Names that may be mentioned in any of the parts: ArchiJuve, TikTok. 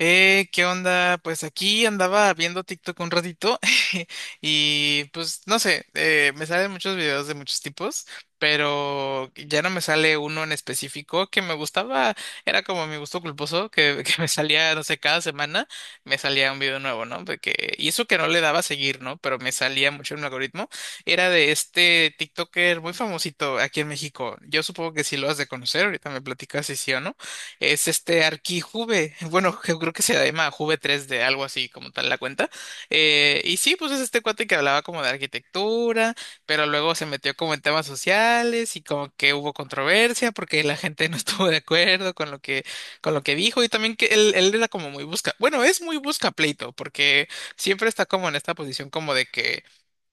¿Qué onda? Pues aquí andaba viendo TikTok un ratito y pues no sé, me salen muchos videos de muchos tipos, pero ya no me sale uno en específico que me gustaba. Era como mi gusto culposo, que, que me salía, no sé, cada semana me salía un video nuevo, ¿no? Porque, y eso que no le daba a seguir, ¿no? Pero me salía mucho en el algoritmo. Era de este TikToker muy famosito aquí en México. Yo supongo que sí lo has de conocer, ahorita me platicas si sí o no es este ArchiJuve. Bueno, yo creo que se llama Juve tres d, algo así como tal la cuenta. Y sí, pues es este cuate que hablaba como de arquitectura, pero luego se metió como en temas sociales y como que hubo controversia porque la gente no estuvo de acuerdo con lo que, dijo, y también que él era como muy busca, bueno, es muy busca pleito, porque siempre está como en esta posición como de que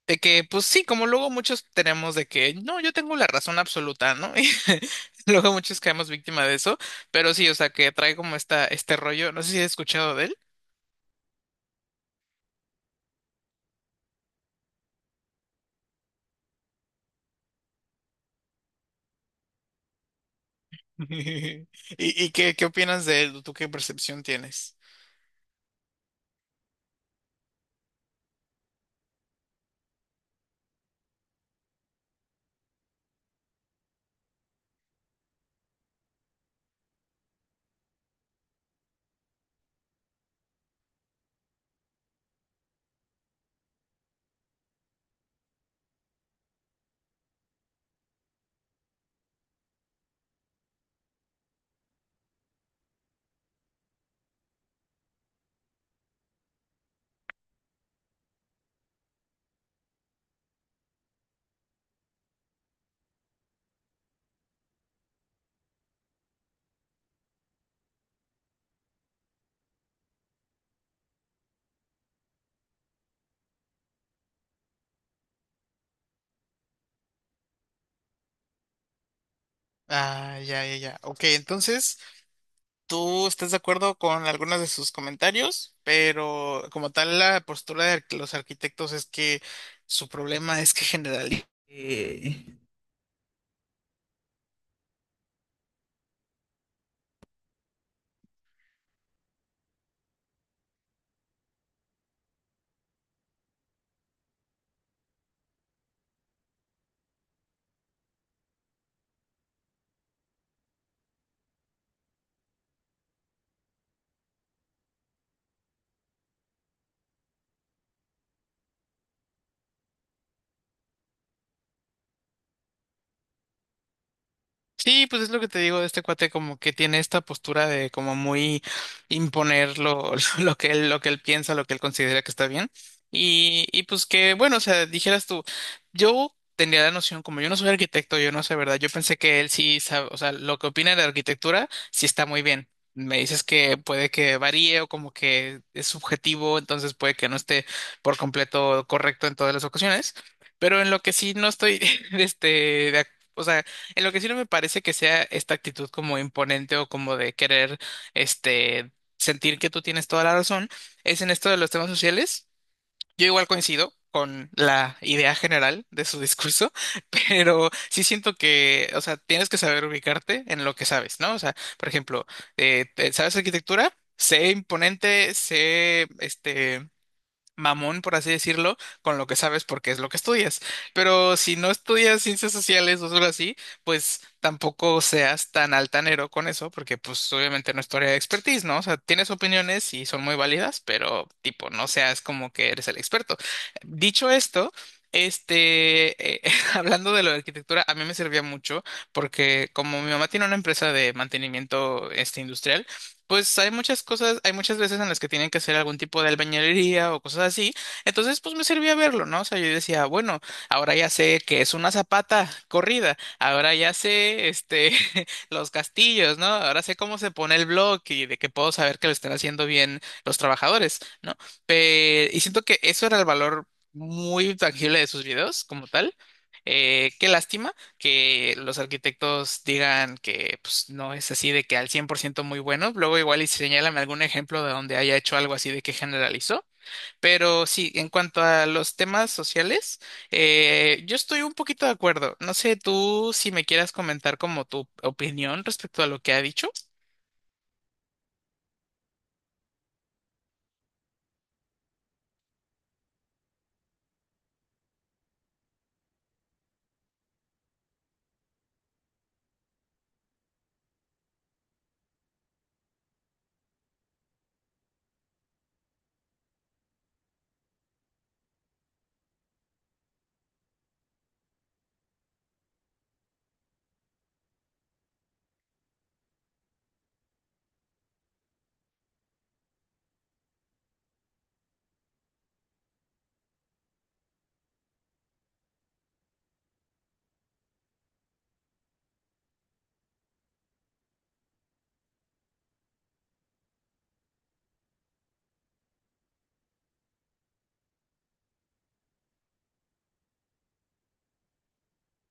de que, pues sí, como luego muchos tenemos de que, no, yo tengo la razón absoluta, ¿no? Y luego muchos caemos víctima de eso, pero sí, o sea, que trae como esta, este rollo. No sé si has escuchado de él. ¿Y qué opinas de él? ¿Tú qué percepción tienes? Ah, ya, ya, ya. Ok, entonces, tú estás de acuerdo con algunos de sus comentarios, pero como tal, la postura de los arquitectos es que su problema es que generalizan. Sí, pues es lo que te digo de este cuate, como que tiene esta postura de como muy imponer lo, lo que él piensa, lo que él considera que está bien. Y pues que, bueno, o sea, dijeras tú, yo tenía la noción, como yo no soy arquitecto, yo no sé, ¿verdad? Yo pensé que él sí sabe, o sea, lo que opina de arquitectura sí está muy bien. Me dices que puede que varíe o como que es subjetivo, entonces puede que no esté por completo correcto en todas las ocasiones. Pero en lo que sí no estoy, este, de ac- o sea, en lo que sí no me parece que sea esta actitud como imponente o como de querer, este, sentir que tú tienes toda la razón, es en esto de los temas sociales. Yo igual coincido con la idea general de su discurso, pero sí siento que, o sea, tienes que saber ubicarte en lo que sabes, ¿no? O sea, por ejemplo, ¿sabes arquitectura? Sé imponente, sé, este, mamón, por así decirlo, con lo que sabes porque es lo que estudias. Pero si no estudias ciencias sociales o algo así, pues tampoco seas tan altanero con eso, porque pues obviamente no es tu área de expertise, ¿no? O sea, tienes opiniones y son muy válidas, pero tipo, no seas como que eres el experto. Dicho esto, este, hablando de lo de arquitectura, a mí me servía mucho porque como mi mamá tiene una empresa de mantenimiento este industrial, pues hay muchas cosas, hay muchas veces en las que tienen que hacer algún tipo de albañilería o cosas así. Entonces, pues me servía verlo, ¿no? O sea, yo decía, bueno, ahora ya sé que es una zapata corrida, ahora ya sé, este, los castillos, ¿no? Ahora sé cómo se pone el bloque y de que puedo saber que lo están haciendo bien los trabajadores, ¿no? Y siento que eso era el valor muy tangible de sus videos como tal. Qué lástima que los arquitectos digan que pues, no es así de que al 100% muy bueno. Luego igual y señálame algún ejemplo de donde haya hecho algo así de que generalizó. Pero sí, en cuanto a los temas sociales, yo estoy un poquito de acuerdo. No sé tú si me quieras comentar como tu opinión respecto a lo que ha dicho.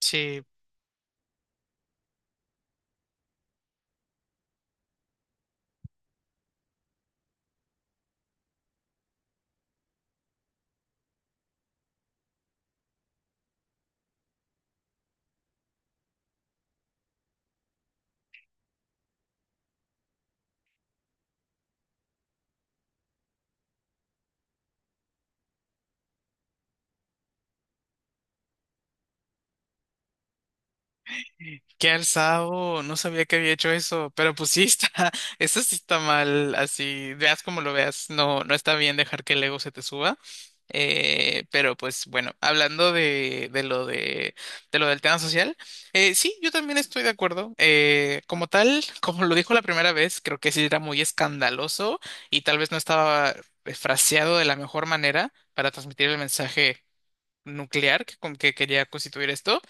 Sí. Qué alzado, no sabía que había hecho eso, pero pues sí está, eso sí está mal, así, veas como lo veas. No, no está bien dejar que el ego se te suba. Pero pues bueno, hablando de lo del tema social, sí, yo también estoy de acuerdo. Como tal, como lo dijo la primera vez, creo que sí era muy escandaloso y tal vez no estaba fraseado de la mejor manera para transmitir el mensaje nuclear que, con que quería constituir esto.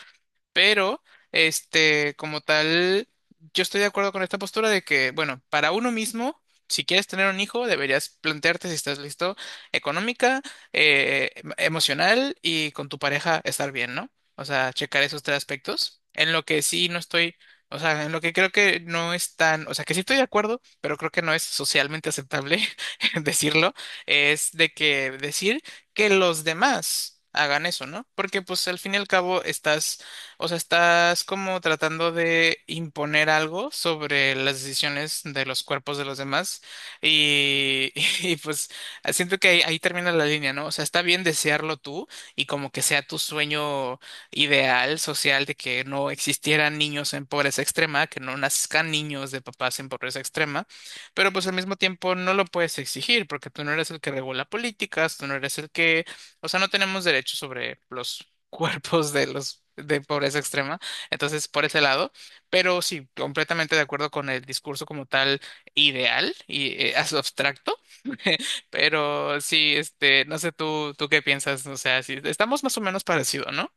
Pero, este, como tal, yo estoy de acuerdo con esta postura de que, bueno, para uno mismo, si quieres tener un hijo, deberías plantearte si estás listo económica, emocional, y con tu pareja estar bien, ¿no? O sea, checar esos tres aspectos. En lo que sí no estoy, o sea, en lo que creo que no es tan, o sea, que sí estoy de acuerdo, pero creo que no es socialmente aceptable decirlo, es de que decir que los demás hagan eso, ¿no? Porque pues al fin y al cabo estás, o sea, estás como tratando de imponer algo sobre las decisiones de los cuerpos de los demás, y, y pues siento que ahí, ahí termina la línea, ¿no? O sea, está bien desearlo tú y como que sea tu sueño ideal social, de que no existieran niños en pobreza extrema, que no nazcan niños de papás en pobreza extrema, pero pues al mismo tiempo no lo puedes exigir porque tú no eres el que regula políticas, tú no eres el que, o sea, no tenemos derechos sobre los cuerpos de los de pobreza extrema. Entonces, por ese lado, pero sí, completamente de acuerdo con el discurso como tal ideal y abstracto. Pero sí, este, no sé tú, tú qué piensas, o sea, sí, estamos más o menos parecido, ¿no?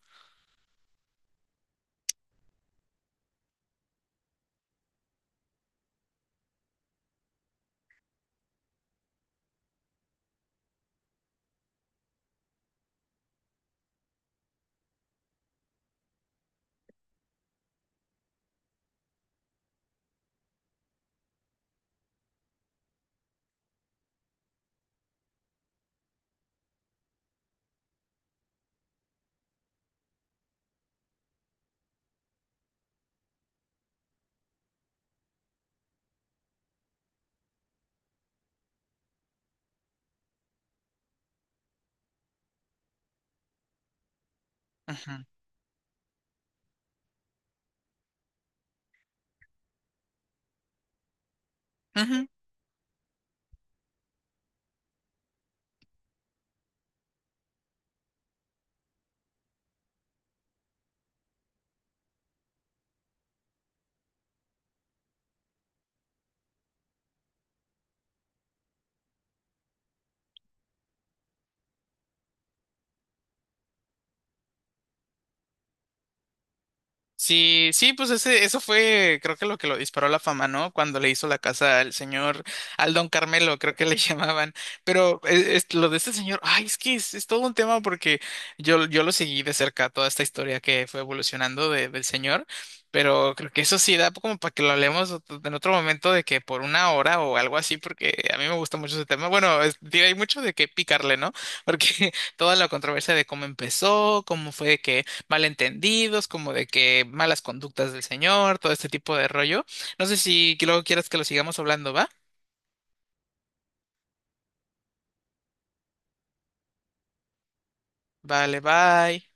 Ujú. Ujú. Sí, sí, pues ese, eso fue, creo que lo disparó a la fama, ¿no? Cuando le hizo la casa al señor, al don Carmelo, creo que le llamaban. Pero lo de este señor, ay, es que es todo un tema, porque yo lo seguí de cerca toda esta historia que fue evolucionando del señor. Pero creo que eso sí da como para que lo hablemos en otro momento, de que por 1 hora o algo así, porque a mí me gusta mucho ese tema. Bueno, hay mucho de qué picarle, ¿no? Porque toda la controversia de cómo empezó, cómo fue que malentendidos, como de que malas conductas del señor, todo este tipo de rollo. No sé si luego quieras que lo sigamos hablando, ¿va? Vale, bye.